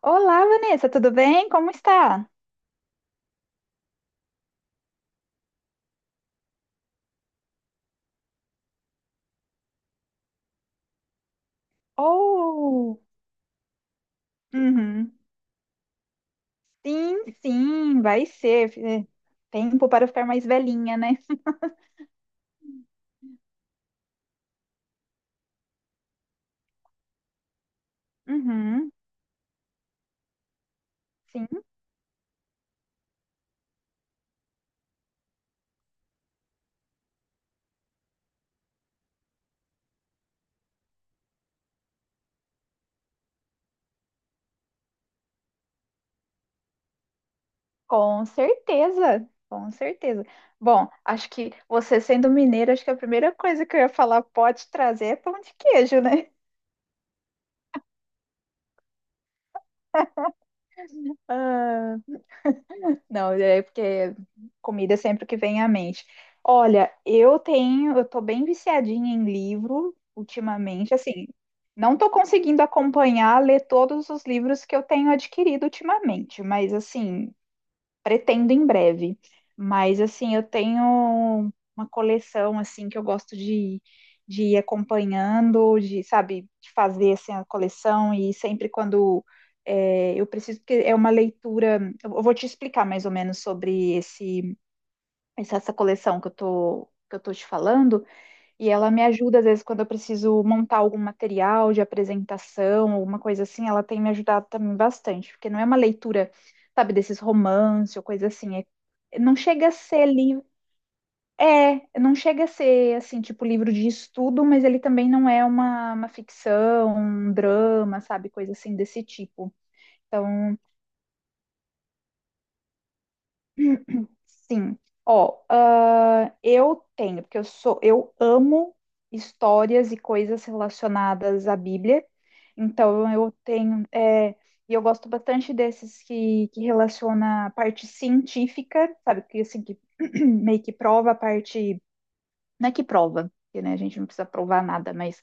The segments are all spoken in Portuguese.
Olá, Vanessa, tudo bem? Como está? Oh. Uhum. Sim, sim, vai ser. É. Tempo para ficar mais velhinha, né? Uhum. Sim, com certeza, com certeza. Bom, acho que você sendo mineira, acho que a primeira coisa que eu ia falar pode trazer é pão de queijo, né? Ah, não, é porque comida é sempre o que vem à mente. Olha, eu tô bem viciadinha em livro ultimamente, assim, não tô conseguindo acompanhar, ler todos os livros que eu tenho adquirido ultimamente, mas assim, pretendo em breve. Mas assim, eu tenho uma coleção assim que eu gosto de ir acompanhando, de, sabe, de fazer assim, a coleção e sempre quando eu preciso, porque é uma leitura. Eu vou te explicar mais ou menos sobre esse, essa essa coleção que que eu tô te falando, e ela me ajuda, às vezes, quando eu preciso montar algum material de apresentação, alguma coisa assim, ela tem me ajudado também bastante, porque não é uma leitura, sabe, desses romance ou coisa assim. Não chega a ser livro. É, não chega a ser, assim, tipo livro de estudo, mas ele também não é uma ficção, um drama, sabe, coisa assim desse tipo. Então, sim. Ó, eu tenho, porque eu sou, eu amo histórias e coisas relacionadas à Bíblia. Então eu tenho, e eu gosto bastante desses que relaciona a parte científica, sabe? Que assim, que meio que prova a parte, não é que prova, porque, né, a gente não precisa provar nada, mas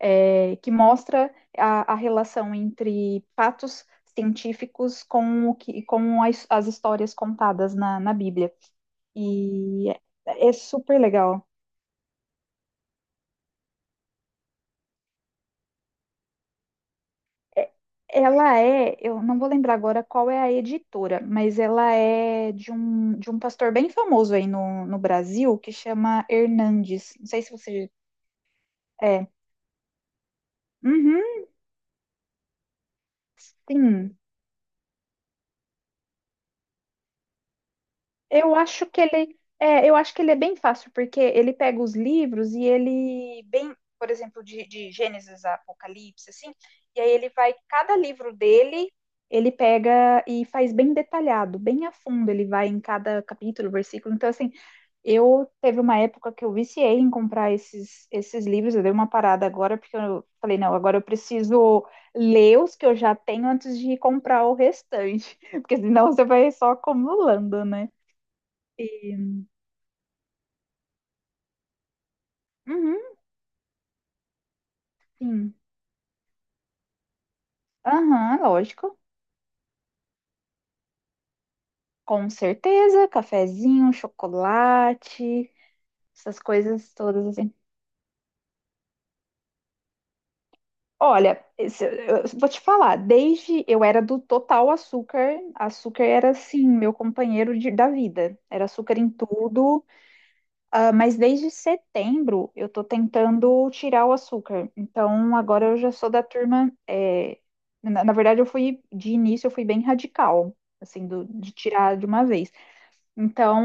que mostra a relação entre fatos científicos com o que, com as histórias contadas na Bíblia. E é super legal. É- Ela é, eu não vou lembrar agora qual é a editora, mas ela é de um pastor bem famoso aí no Brasil que chama Hernandes. Não sei se você. É. Uhum, sim. Eu acho que ele é bem fácil, porque ele pega os livros e ele bem, por exemplo, de Gênesis a Apocalipse, assim, e aí ele vai, cada livro dele, ele pega e faz bem detalhado, bem a fundo, ele vai em cada capítulo, versículo. Então, assim, eu teve uma época que eu viciei em comprar esses livros, eu dei uma parada agora, porque eu falei, não, agora eu preciso ler os que eu já tenho antes de comprar o restante, porque senão você vai só acumulando, né? Uhum, sim. Aham, lógico. Com certeza, cafezinho, chocolate, essas coisas todas assim. Olha, eu vou te falar, desde eu era do total açúcar, açúcar era assim, meu companheiro da vida. Era açúcar em tudo, mas desde setembro eu tô tentando tirar o açúcar. Então agora eu já sou da turma, na verdade de início eu fui bem radical, assim, de tirar de uma vez. Então,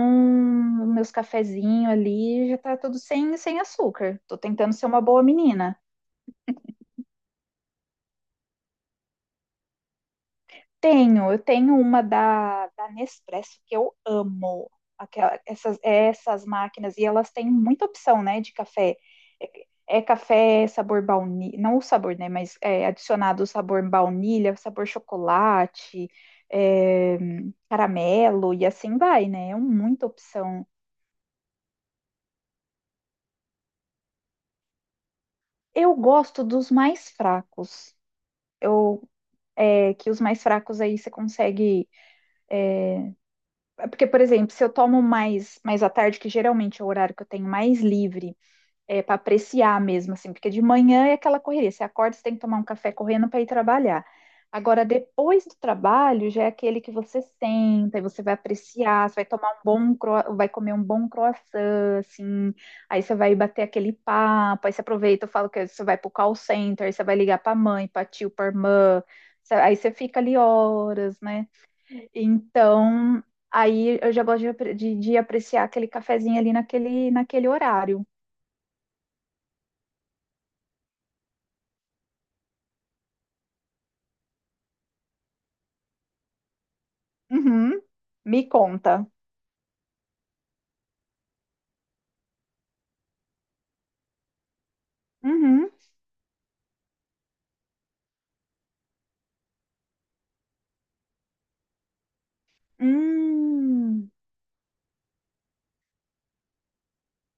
meus cafezinhos ali já tá tudo sem açúcar. Tô tentando ser uma boa menina. Eu tenho uma da Nespresso que eu amo. Essas máquinas, e elas têm muita opção, né, de café. É, é café sabor baunilha, não o sabor, né, mas é adicionado o sabor baunilha, sabor chocolate, é, caramelo, e assim vai, né? É muita opção. Eu gosto dos mais fracos. Eu, que os mais fracos aí você consegue. Porque, por exemplo, se eu tomo mais à tarde, que geralmente é o horário que eu tenho mais livre, para apreciar mesmo, assim, porque de manhã é aquela correria. Você acorda, você tem que tomar um café correndo para ir trabalhar. Agora, depois do trabalho, já é aquele que você senta e você vai apreciar, você vai tomar vai comer um bom croissant, assim, aí você vai bater aquele papo, aí você aproveita, eu falo que você vai pro call center, aí você vai ligar pra mãe, pra tio, pra irmã, aí você fica ali horas, né? Então, aí eu já gosto de apreciar aquele cafezinho ali naquele horário. Uhum. Me conta. Uhum. Hum.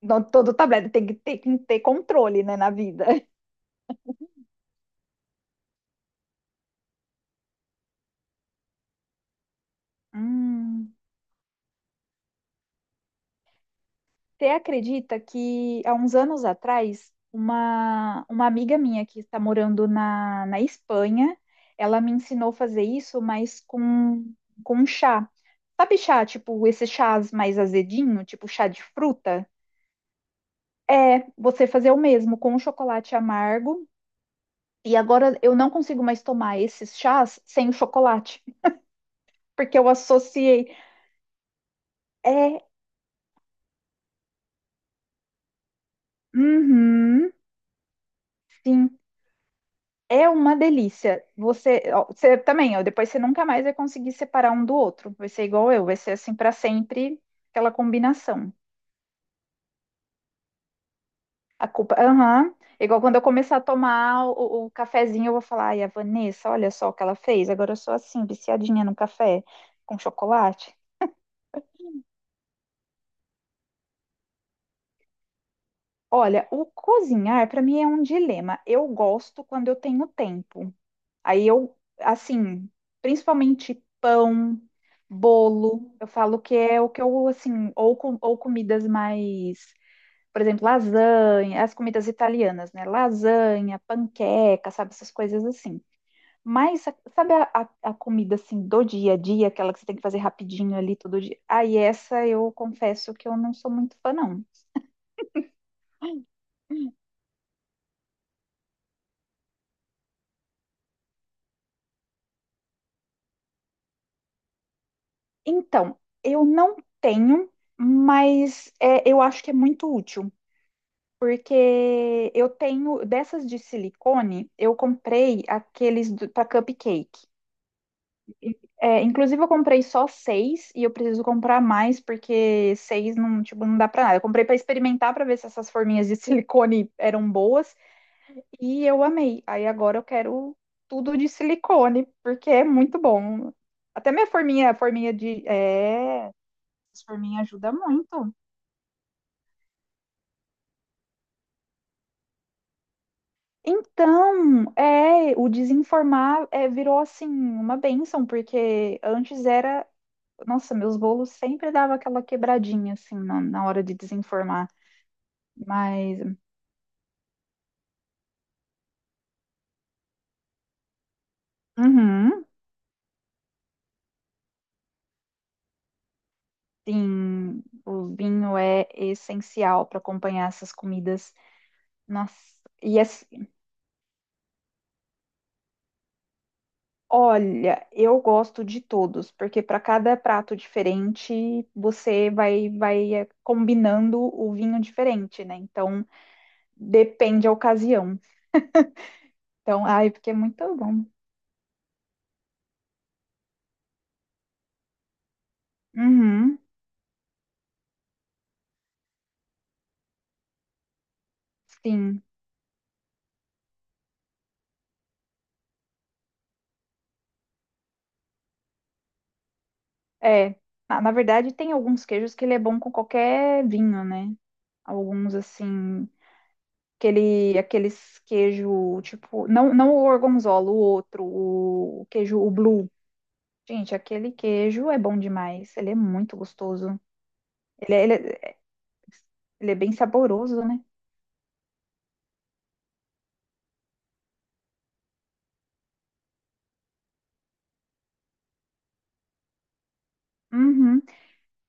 Não. Todo tablet tem que ter controle, né, na vida. Hum. Você acredita que há uns anos atrás, uma amiga minha que está morando na Espanha, ela me ensinou a fazer isso, mas com chá. Sabe chá, tipo, esses chás mais azedinho, tipo chá de fruta? É, você fazer o mesmo com o chocolate amargo. E agora eu não consigo mais tomar esses chás sem o chocolate, porque eu associei. É, uhum, sim, é uma delícia. Você também, ó, depois você nunca mais vai conseguir separar um do outro. Vai ser igual eu, vai ser assim para sempre aquela combinação. A culpa, aham. Igual quando eu começar a tomar o cafezinho, eu vou falar, ai, a Vanessa, olha só o que ela fez. Agora eu sou assim, viciadinha no café com chocolate. Olha, o cozinhar para mim é um dilema. Eu gosto quando eu tenho tempo. Aí eu, assim, principalmente pão, bolo, eu falo que é o que eu, assim, ou comidas mais, por exemplo, lasanha, as comidas italianas, né? Lasanha, panqueca, sabe, essas coisas assim. Mas, sabe a comida, assim, do dia a dia, aquela que você tem que fazer rapidinho ali todo dia? Aí essa eu confesso que eu não sou muito fã, não. Então, eu não tenho, mas eu acho que é muito útil, porque eu tenho dessas de silicone, eu comprei aqueles para cupcake. É, inclusive, eu comprei só seis e eu preciso comprar mais, porque seis não, tipo, não dá para nada. Eu comprei para experimentar para ver se essas forminhas de silicone eram boas e eu amei. Aí agora eu quero tudo de silicone, porque é muito bom. Até minha forminha, forminha de. É. Isso por mim ajuda muito. Então, o desinformar virou assim uma bênção porque antes era, nossa, meus bolos sempre dava aquela quebradinha assim na hora de desinformar. Mas, uhum, sim, o vinho é essencial para acompanhar essas comidas. Nossa, e assim, olha, eu gosto de todos, porque para cada prato diferente você vai combinando o vinho diferente, né? Então, depende da ocasião. Então, ai, porque é muito bom. Uhum, sim. É. Na verdade, tem alguns queijos que ele é bom com qualquer vinho, né? Alguns assim, aqueles queijo, tipo, não, não o gorgonzola, o outro, o queijo, o blue. Gente, aquele queijo é bom demais. Ele é muito gostoso. Ele é, ele é, ele é bem saboroso, né? Uhum.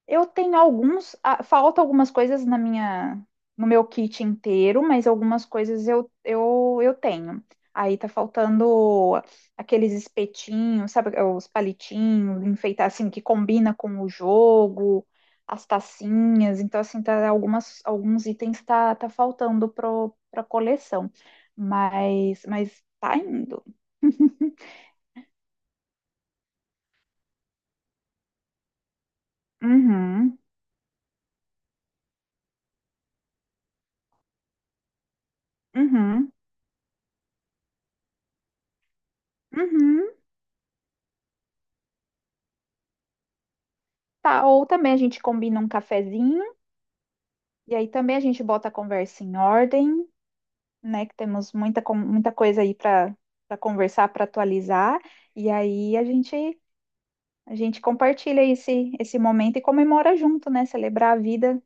Eu tenho alguns, falta algumas coisas na minha, no meu kit inteiro, mas algumas coisas eu tenho. Aí tá faltando aqueles espetinhos, sabe, os palitinhos, enfeitar assim que combina com o jogo, as tacinhas. Então assim, tá algumas alguns itens tá faltando pro pra coleção. Mas tá indo. Uhum. Uhum. Uhum. Tá, ou também a gente combina um cafezinho. E aí também a gente bota a conversa em ordem, né? Que temos muita coisa aí para conversar, para atualizar. E aí a gente compartilha esse momento e comemora junto, né? Celebrar a vida.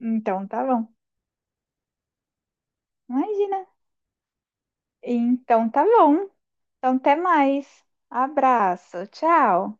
Então tá bom. Imagina. Então tá bom. Então até mais. Abraço. Tchau.